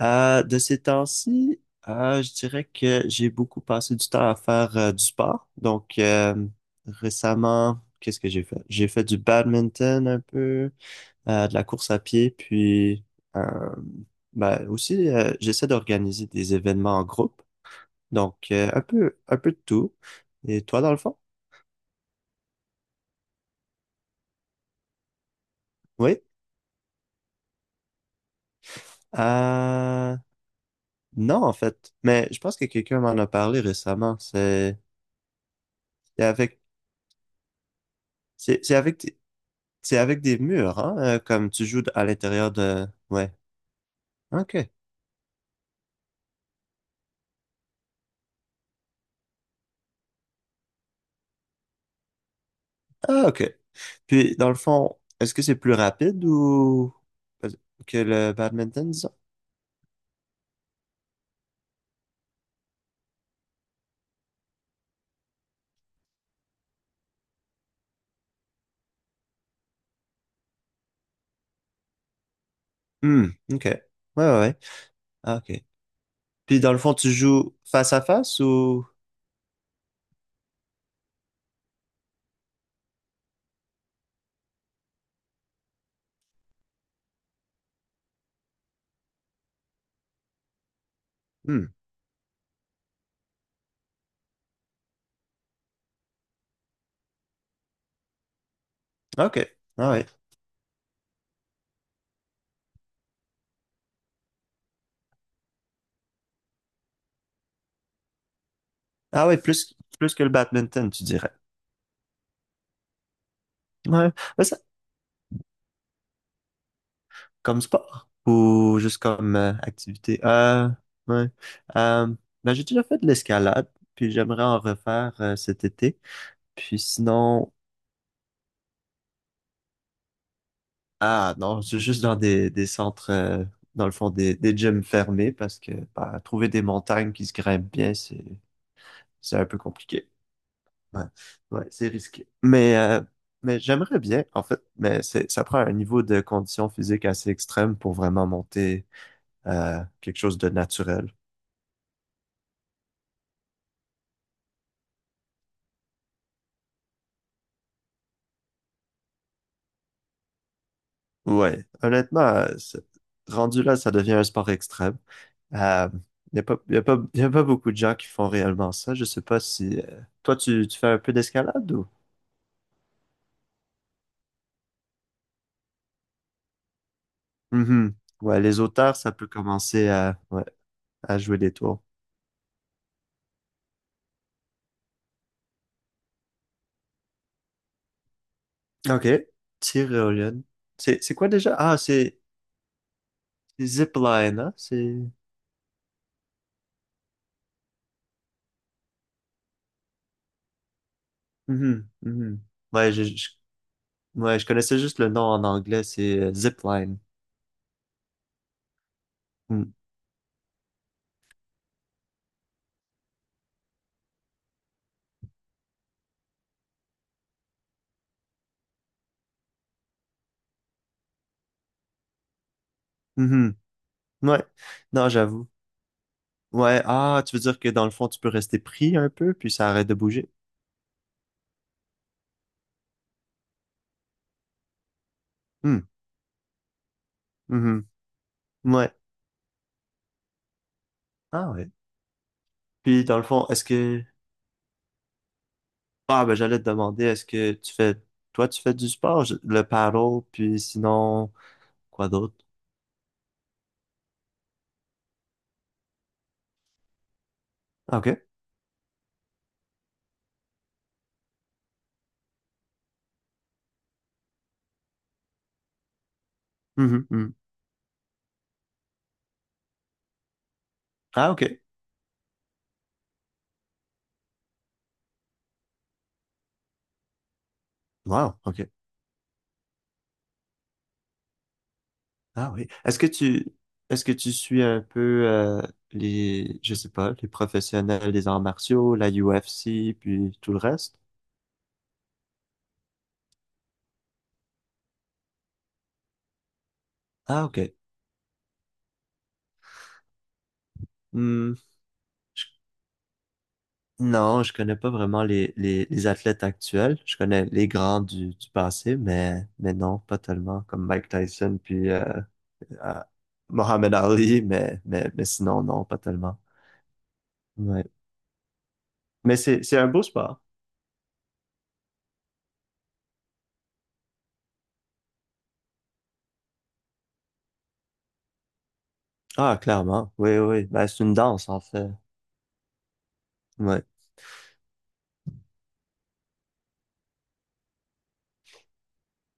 De ces temps-ci, je dirais que j'ai beaucoup passé du temps à faire du sport. Donc, récemment, qu'est-ce que j'ai fait? J'ai fait du badminton un peu, de la course à pied, puis euh, ben, aussi, j'essaie d'organiser des événements en groupe. Donc, un peu de tout. Et toi, dans le fond? Oui? Euh, non, en fait. Mais je pense que quelqu'un m'en a parlé récemment. C'est avec, c'est c'est avec C'est avec des murs, hein, comme tu joues à l'intérieur de. Ouais, ok. Ah, ok. Puis, dans le fond, est-ce que c'est plus rapide ou que le badminton, disons? Hmm, ok. Ouais, ouais, ouais. Ah, ok. Puis, dans le fond, tu joues face à face ou. Hmm, ok. Ah, ouais. Ah, ouais, plus, plus que le badminton, tu dirais. Ouais, ouais, ça, comme sport ou juste comme activité. Ouais. Euh, ben, j'ai déjà fait de l'escalade, puis j'aimerais en refaire cet été. Puis sinon, ah non, c'est juste dans des centres, dans le fond, des gyms fermés parce que bah, trouver des montagnes qui se grimpent bien, c'est un peu compliqué. Ouais, ouais, c'est risqué. Mais j'aimerais bien, en fait, mais ça prend un niveau de condition physique assez extrême pour vraiment monter quelque chose de naturel. Ouais, honnêtement, rendu là, ça devient un sport extrême. Euh, Il n'y a pas, beaucoup de gens qui font réellement ça. Je sais pas si, toi, tu fais un peu d'escalade ou. Mhm. Ouais, les auteurs, ça peut commencer à, ouais, à jouer des tours. OK. Tyrolienne. C'est quoi déjà? Ah, c'est zipline, hein? C'est. Mhm, mhm. Ouais, ouais, je connaissais juste le nom en anglais, c'est zipline. Mm. Mhm. Ouais. Non, j'avoue. Ouais, ah, tu veux dire que dans le fond, tu peux rester pris un peu, puis ça arrête de bouger? Hmm. Mhm. Ouais. Ah ouais. Puis dans le fond, est-ce que. Ah, ben j'allais te demander, est-ce que tu fais. Toi, tu fais du sport, le paddle, puis sinon, quoi d'autre? Ah, ok. Mhm, mhm. Ah, ok. Wow, ok. Ah oui. Est-ce que tu suis un peu les. Je sais pas, les professionnels des arts martiaux, la UFC, puis tout le reste? Ah, ok. Hmm. Non, je connais pas vraiment les athlètes actuels. Je connais les grands du passé, mais non, pas tellement, comme Mike Tyson puis euh, Mohamed Ali, mais sinon, non, pas tellement. Ouais. Mais c'est un beau sport. Ah, clairement. Oui, oui. Ben, c'est une danse, en fait. Ouais.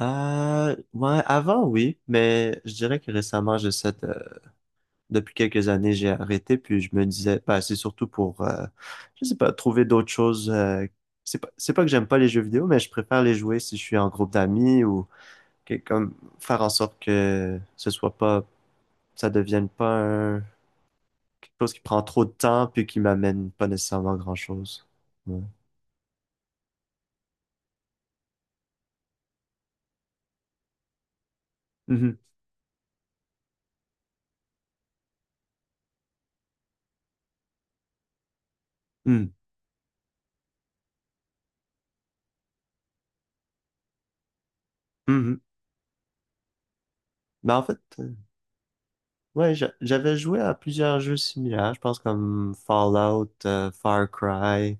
Ouais, avant, oui, mais je dirais que récemment, depuis quelques années, j'ai arrêté, puis je me disais, bah, c'est surtout pour, je sais pas, trouver d'autres choses. C'est pas que j'aime pas les jeux vidéo, mais je préfère les jouer si je suis en groupe d'amis ou comme faire en sorte que ce soit pas, ça devienne pas quelque chose qui prend trop de temps puis qui m'amène pas nécessairement grand-chose. Ouais. Mhm. Mhm. Mhm. Mais en fait, ouais, j'avais joué à plusieurs jeux similaires, je pense comme Fallout, Far Cry.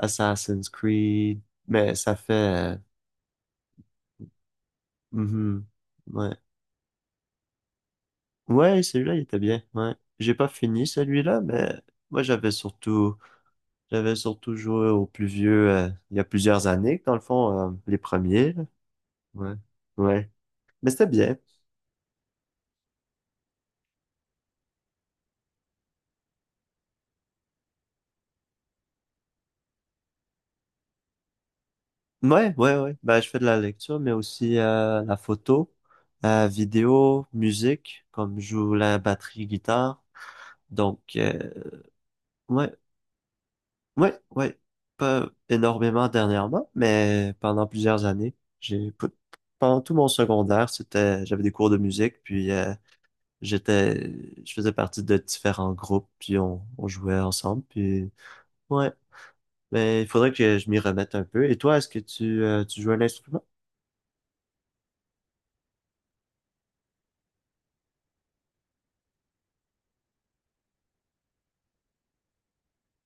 Assassin's Creed. Mais ça fait. Mhm. Ouais. Ouais, celui-là, il était bien. Ouais. J'ai pas fini celui-là, mais moi, j'avais surtout joué aux plus vieux, il y a plusieurs années, dans le fond, les premiers, là. Ouais. Ouais. Mais c'était bien. Ouais, ouais, ouais. Ben, je fais de la lecture, mais aussi la photo, vidéo, musique, comme je joue la batterie guitare. Donc, ouais. Ouais, ouais. Pas énormément dernièrement, mais pendant plusieurs années, pendant tout mon secondaire, c'était j'avais des cours de musique, puis j'étais je faisais partie de différents groupes, puis on jouait ensemble, puis ouais, mais il faudrait que je m'y remette un peu. Et toi, est-ce que tu joues un instrument?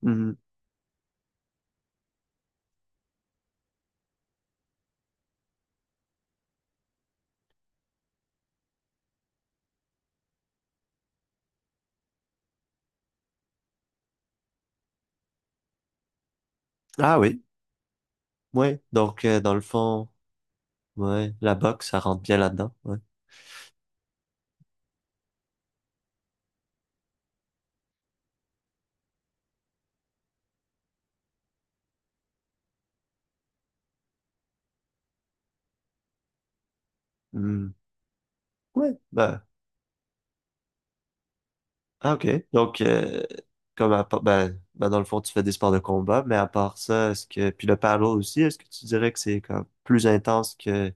Mhm. Ah oui, ouais. Donc dans le fond, ouais, la boxe, ça rentre bien là-dedans, ouais. Mhm. Ouais, bah, ah, ok. Donc, comme ben, dans le fond, tu fais des sports de combat, mais à part ça, puis le paddle aussi, est-ce que tu dirais que c'est comme plus intense que,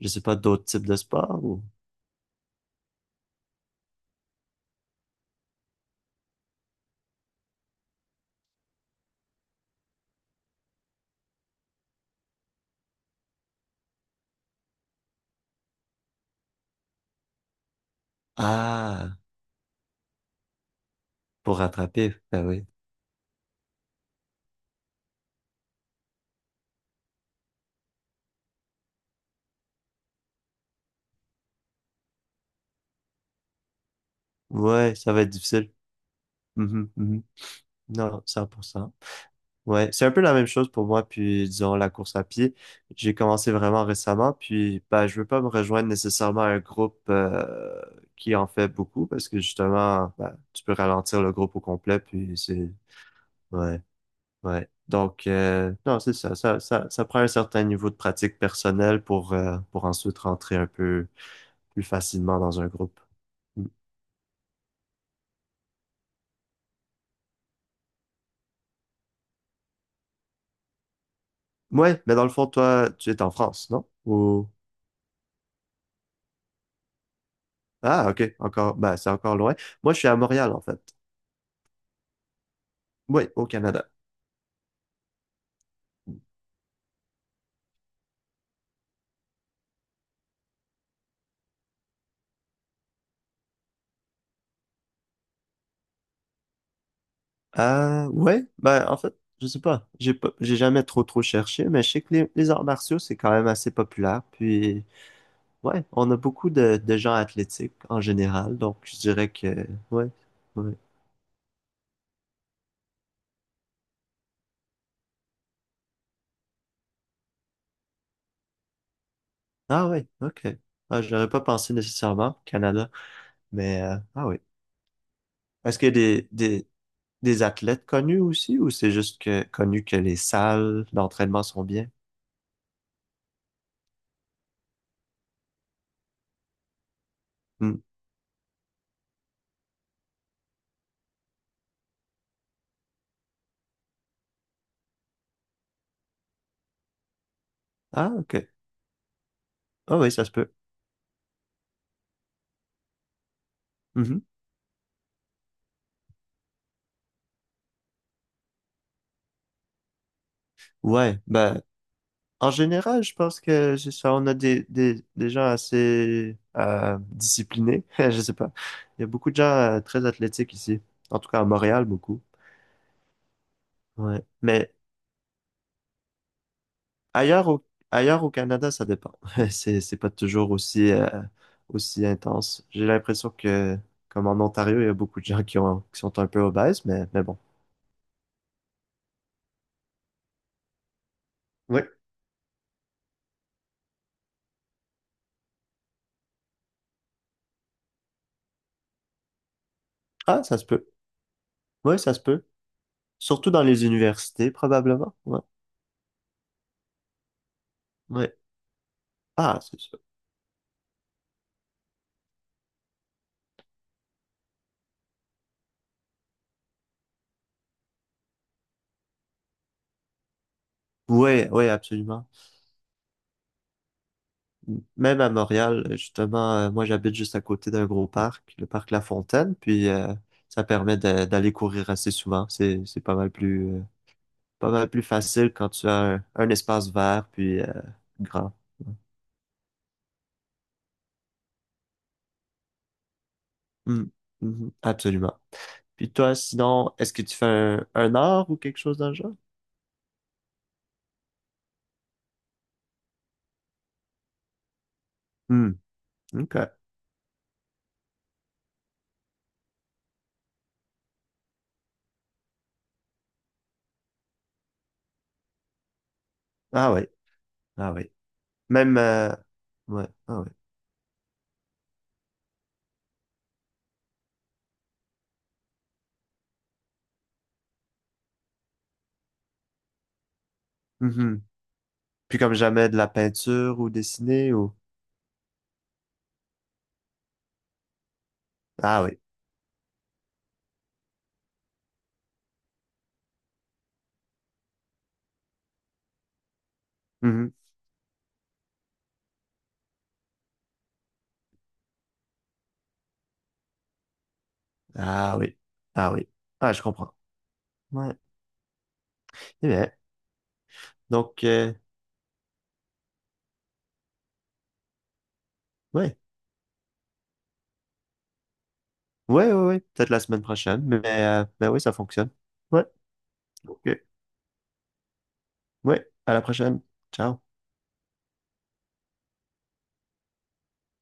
je sais pas, d'autres types de sports ou? Ah, pour rattraper, ben oui. Ouais, ça va être difficile. Mhm, mhm. Non, 100%. Ouais, c'est un peu la même chose pour moi, puis disons la course à pied. J'ai commencé vraiment récemment, puis bah, je veux pas me rejoindre nécessairement à un groupe qui en fait beaucoup, parce que justement, bah, tu peux ralentir le groupe au complet, puis c'est. Ouais, ouais. Donc, non, c'est ça, prend un certain niveau de pratique personnelle pour ensuite rentrer un peu plus facilement dans un groupe. Mm. Ouais, mais dans le fond, toi, tu es en France, non? Ou. Ah, ok, encore, bah, c'est encore loin. Moi, je suis à Montréal, en fait. Ouais, au Canada. Ouais, ben en fait, je sais pas. J'ai jamais trop trop cherché, mais je sais que les arts martiaux, c'est quand même assez populaire. Puis, ouais, on a beaucoup de gens athlétiques en général, donc je dirais que, ouais, ouais. Ah ouais, ok. Ah, j'aurais pas pensé nécessairement au Canada, mais ah oui. Est-ce qu'il y a des athlètes connus aussi, ou c'est juste que connu que les salles d'entraînement sont bien? Hmm. Ah, ok. Ah oui, ça se peut. Mhm. Ouais, ben, en général, je pense que c'est ça. On a des gens assez disciplinés. Je sais pas. Il y a beaucoup de gens très athlétiques ici. En tout cas, à Montréal, beaucoup. Ouais. Mais ailleurs au, ailleurs au Canada, ça dépend. C'est pas toujours aussi intense. J'ai l'impression que, comme en Ontario, il y a beaucoup de gens qui sont un peu obèses, mais bon. Ouais. Ah, ça se peut. Ouais, ça se peut. Surtout dans les universités, probablement. Ouais. Ouais. Ah, c'est ça. Oui, oui, absolument. Même à Montréal, justement, moi j'habite juste à côté d'un gros parc, le parc La Fontaine, puis ça permet d'aller courir assez souvent. C'est pas mal plus facile quand tu as un espace vert, puis grand. Ouais. Mm, mhm, absolument. Puis toi, sinon, est-ce que tu fais un art ou quelque chose dans le genre? Hmm, OK. Ah oui, ah oui. Même, euh, ouais, ah oui. Mhm. Puis comme jamais de la peinture ou dessiner ou. Ah oui. Mhm. Ah oui. Ah oui. Ah, je comprends. Ouais. Eh bien, donc, ouais. Ouais, ouais, ouais. Peut-être la semaine prochaine, mais oui, ça fonctionne. Ouais. OK. Ouais. À la prochaine. Ciao.